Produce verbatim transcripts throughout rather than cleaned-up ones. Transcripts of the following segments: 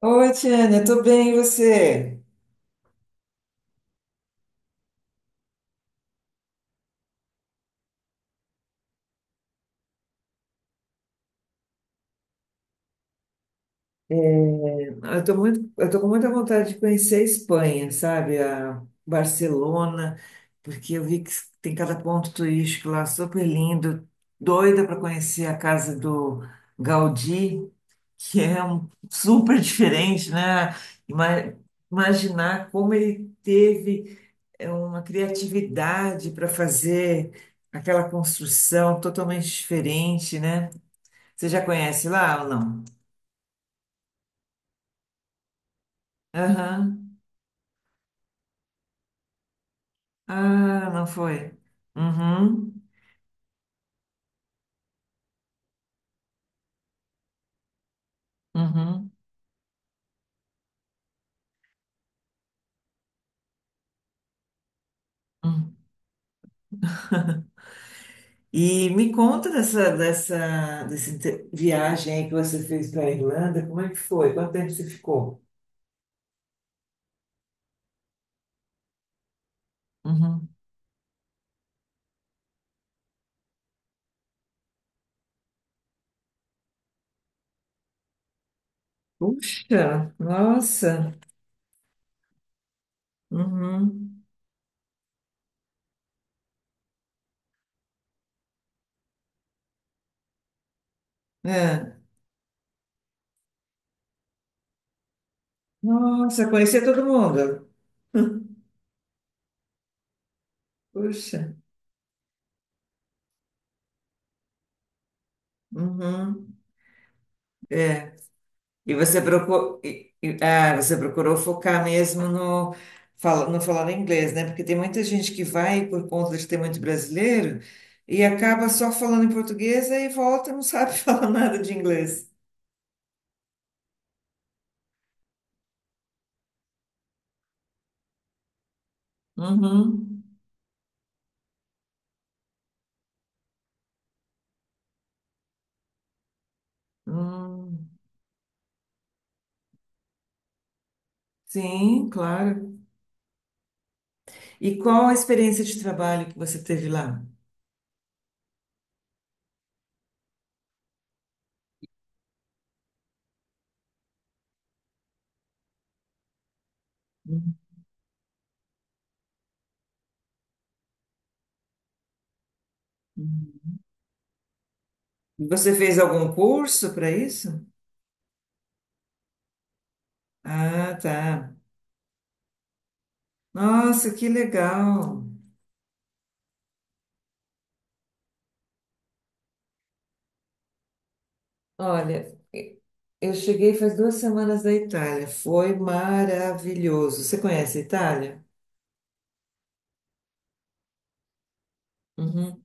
Oi, Tiane, tô bem, e você? É, Eu tô muito, eu tô com muita vontade de conhecer a Espanha, sabe? A Barcelona, porque eu vi que tem cada ponto turístico lá super lindo. Doida para conhecer a casa do Gaudí, que é um super diferente, né? Ima- Imaginar como ele teve é, uma criatividade para fazer aquela construção totalmente diferente, né? Você já conhece lá ou não? Aham. Ah, não foi. Uhum. Uhum. Uhum. E me conta dessa, dessa, dessa inter- viagem aí que você fez para a Irlanda. Como é que foi? Quanto tempo você ficou? Uhum. Puxa, nossa. Uhum. É. Nossa, conhecer todo mundo. Puxa. Uhum. E você procurou, ah, você procurou focar mesmo no, fala- no falar inglês, né? Porque tem muita gente que vai por conta de ter muito brasileiro e acaba só falando em português e volta e não sabe falar nada de inglês. Uhum. Hum. Sim, claro. E qual a experiência de trabalho que você teve lá? Uhum. Você fez algum curso para isso? Ah, tá. Nossa, que legal. Olha, eu cheguei faz duas semanas da Itália. Foi maravilhoso. Você conhece a Itália? Uhum,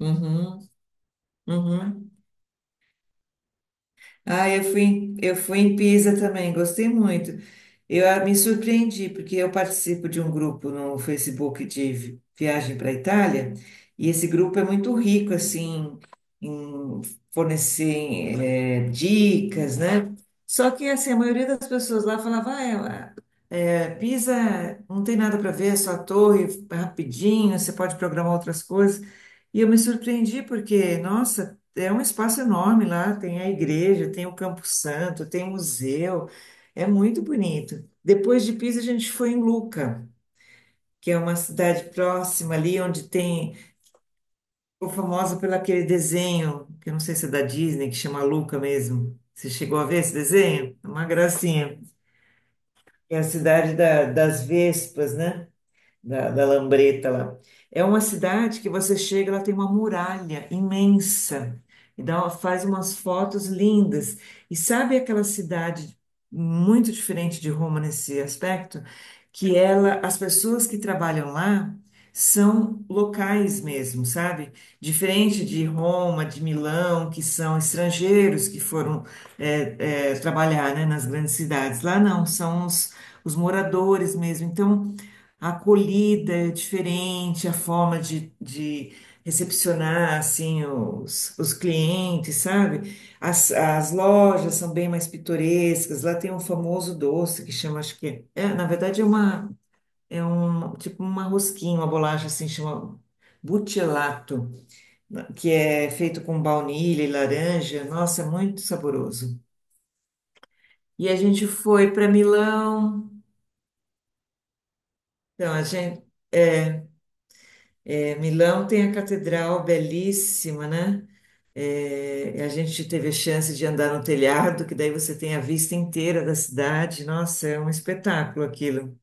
uhum, uhum. Ah, eu fui, em- eu fui em Pisa também. Gostei muito. Eu ah, me surpreendi porque eu participo de um grupo no Facebook de vi- viagem para a Itália e esse grupo é muito rico assim em fornecer eh, dicas, né? Só que assim, a maioria das pessoas lá falava, ah, é, Pisa não tem nada para ver, é só a torre, é rapidinho, você pode programar outras coisas. E eu me surpreendi porque, nossa, é um espaço enorme lá, tem a igreja, tem o Campo Santo, tem o museu, é muito bonito. Depois de Pisa, a gente foi em Luca, que é uma cidade próxima ali, onde tem, ficou famosa pelo aquele desenho, que eu não sei se é da Disney, que chama Luca mesmo. Você chegou a ver esse desenho? É uma gracinha. É a cidade da- das Vespas, né? Da, da Lambreta lá. É uma cidade que você chega, ela tem uma muralha imensa e dá, faz umas fotos lindas. E sabe aquela cidade muito diferente de Roma nesse aspecto? Que ela, as pessoas que trabalham lá são locais mesmo, sabe? Diferente de Roma, de Milão, que são estrangeiros que foram é, é, trabalhar, né, nas grandes cidades. Lá não, são os, os moradores mesmo. Então, a acolhida é diferente, a forma de, de recepcionar assim os, os clientes, sabe? As, as lojas são bem mais pitorescas. Lá tem um famoso doce que chama, acho que é, é, na verdade é uma é um tipo uma rosquinha, uma bolacha assim chama buchelato, que é feito com baunilha e laranja. Nossa, é muito saboroso. E a gente foi para Milão. Então a gente É, Milão tem a catedral belíssima, né? É, a gente teve a chance de andar no telhado, que daí você tem a vista inteira da cidade. Nossa, é um espetáculo aquilo.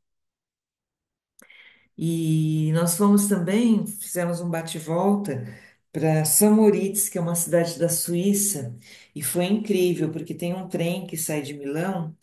E nós fomos também, fizemos um bate-volta para Samoritz, que é uma cidade da Suíça, e foi incrível, porque tem um trem que sai de Milão.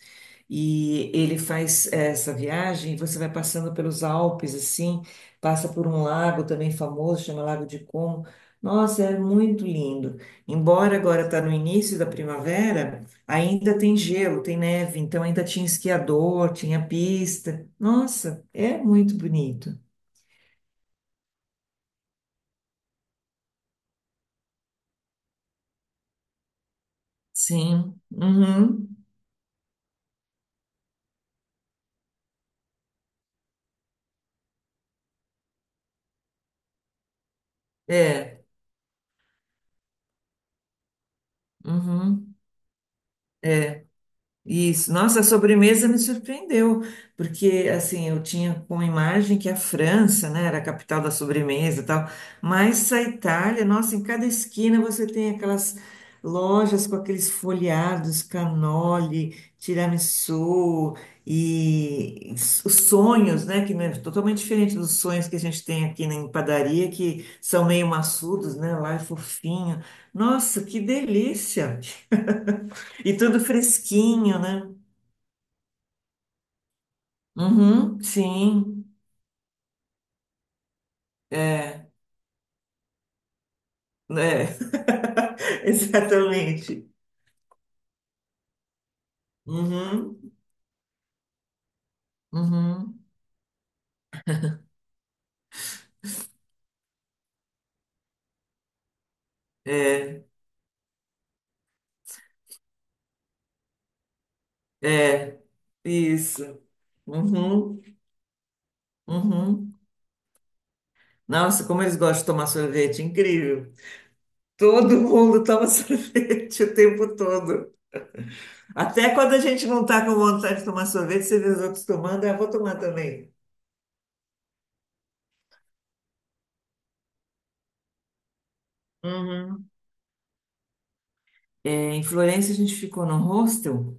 E ele faz essa viagem, você vai passando pelos Alpes, assim, passa por um lago também famoso, chama Lago de Como. Nossa, é muito lindo. Embora agora está no início da primavera, ainda tem gelo, tem neve, então ainda tinha esquiador, tinha pista. Nossa, é muito bonito. Sim, uhum. É, uhum. É. Isso, nossa, a sobremesa me surpreendeu, porque assim, eu tinha como imagem que a França, né, era a capital da sobremesa e tal, mas a Itália, nossa, em cada esquina você tem aquelas lojas com aqueles folheados, cannoli, tiramisu e os sonhos, né, que não é totalmente diferente dos sonhos que a gente tem aqui na em padaria, que são meio maçudos, né, lá é fofinho. Nossa, que delícia! E tudo fresquinho, né? Uhum, sim, é, né, exatamente. Uhum, uhum, é, é, isso. Uhum, uhum. Nossa, como eles gostam de tomar sorvete, incrível. Todo mundo toma sorvete o tempo todo. Até quando a gente não está com vontade de tomar sorvete, você vê os outros tomando, ah, vou tomar também. Uhum. É, em Florença a gente ficou no hostel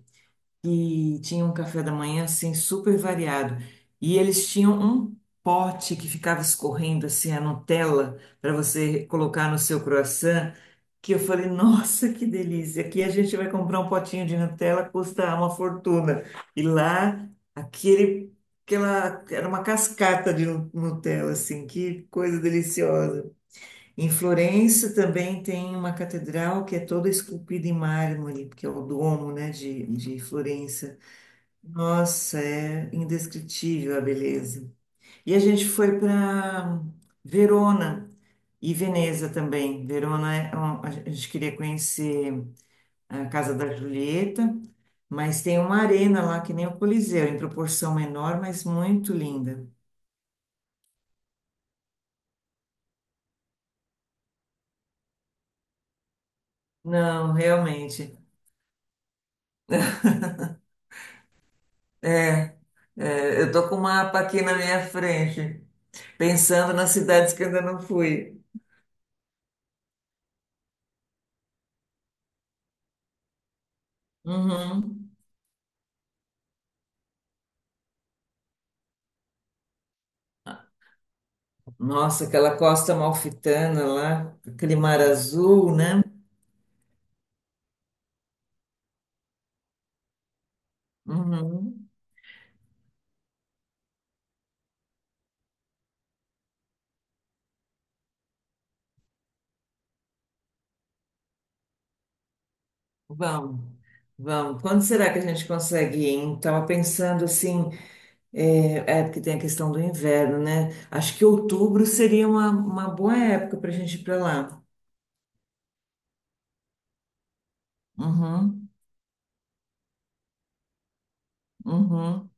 que tinha um café da manhã assim super variado. E eles tinham um pote que ficava escorrendo assim a Nutella para você colocar no seu croissant, que eu falei, nossa, que delícia. Aqui a gente vai comprar um potinho de Nutella, custa uma fortuna. E lá, aquele Aquela, era uma cascata de Nu- Nutella, assim, que coisa deliciosa. Em Florença também tem uma catedral que é toda esculpida em mármore, que é o Duomo, né, de, de Florença. Nossa, é indescritível a beleza. E a gente foi para Verona e Veneza também. Verona é um- a gente queria conhecer a Casa da Julieta, mas tem uma arena lá que nem o Coliseu, em proporção menor, mas muito linda. Não, realmente. É, é, eu tô com o mapa aqui na minha frente, pensando nas cidades que eu ainda não fui. Uhum. Nossa, aquela costa amalfitana lá, aquele mar azul, né? Uhum. Vamos, vamos. Quando será que a gente consegue ir? Hein? Tava pensando assim, é, é porque tem a questão do inverno, né? Acho que outubro seria uma, uma boa época para a gente ir para lá. Uhum, uhum.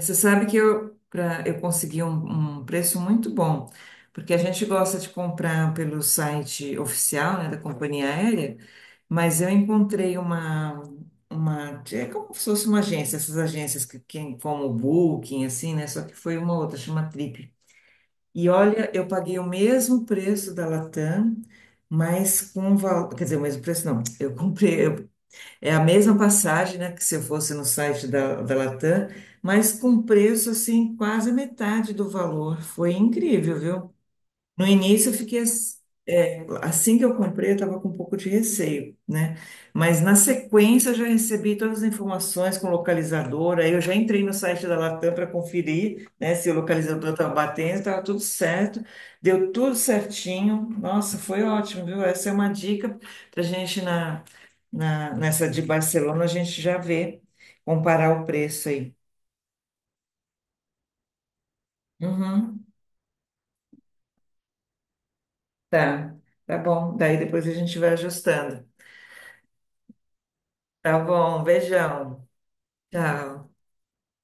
Você sabe que eu, pra, eu consegui um, um preço muito bom, porque a gente gosta de comprar pelo site oficial, né, da companhia aérea, mas eu encontrei uma, uma, é como se fosse uma agência, essas agências que, que como o Booking, assim, né, só que foi uma outra, chama Trip. E olha, eu paguei o mesmo preço da Latam, mas com, val- quer dizer, o mesmo preço não, eu comprei, é a mesma passagem, né, que se eu fosse no site da, da Latam, mas com preço assim quase metade do valor. Foi incrível, viu? No início, eu fiquei ass- é, assim que eu comprei, eu estava com um pouco de receio, né? Mas na sequência, eu já recebi todas as informações com localizador. Aí eu já entrei no site da Latam para conferir, né, se o localizador estava batendo, estava tudo certo, deu tudo certinho. Nossa, foi ótimo, viu? Essa é uma dica para a gente na, na, nessa de Barcelona, a gente já vê, comparar o preço aí. Uhum, tá, tá bom. Daí depois a gente vai ajustando. Tá bom, beijão. Tchau.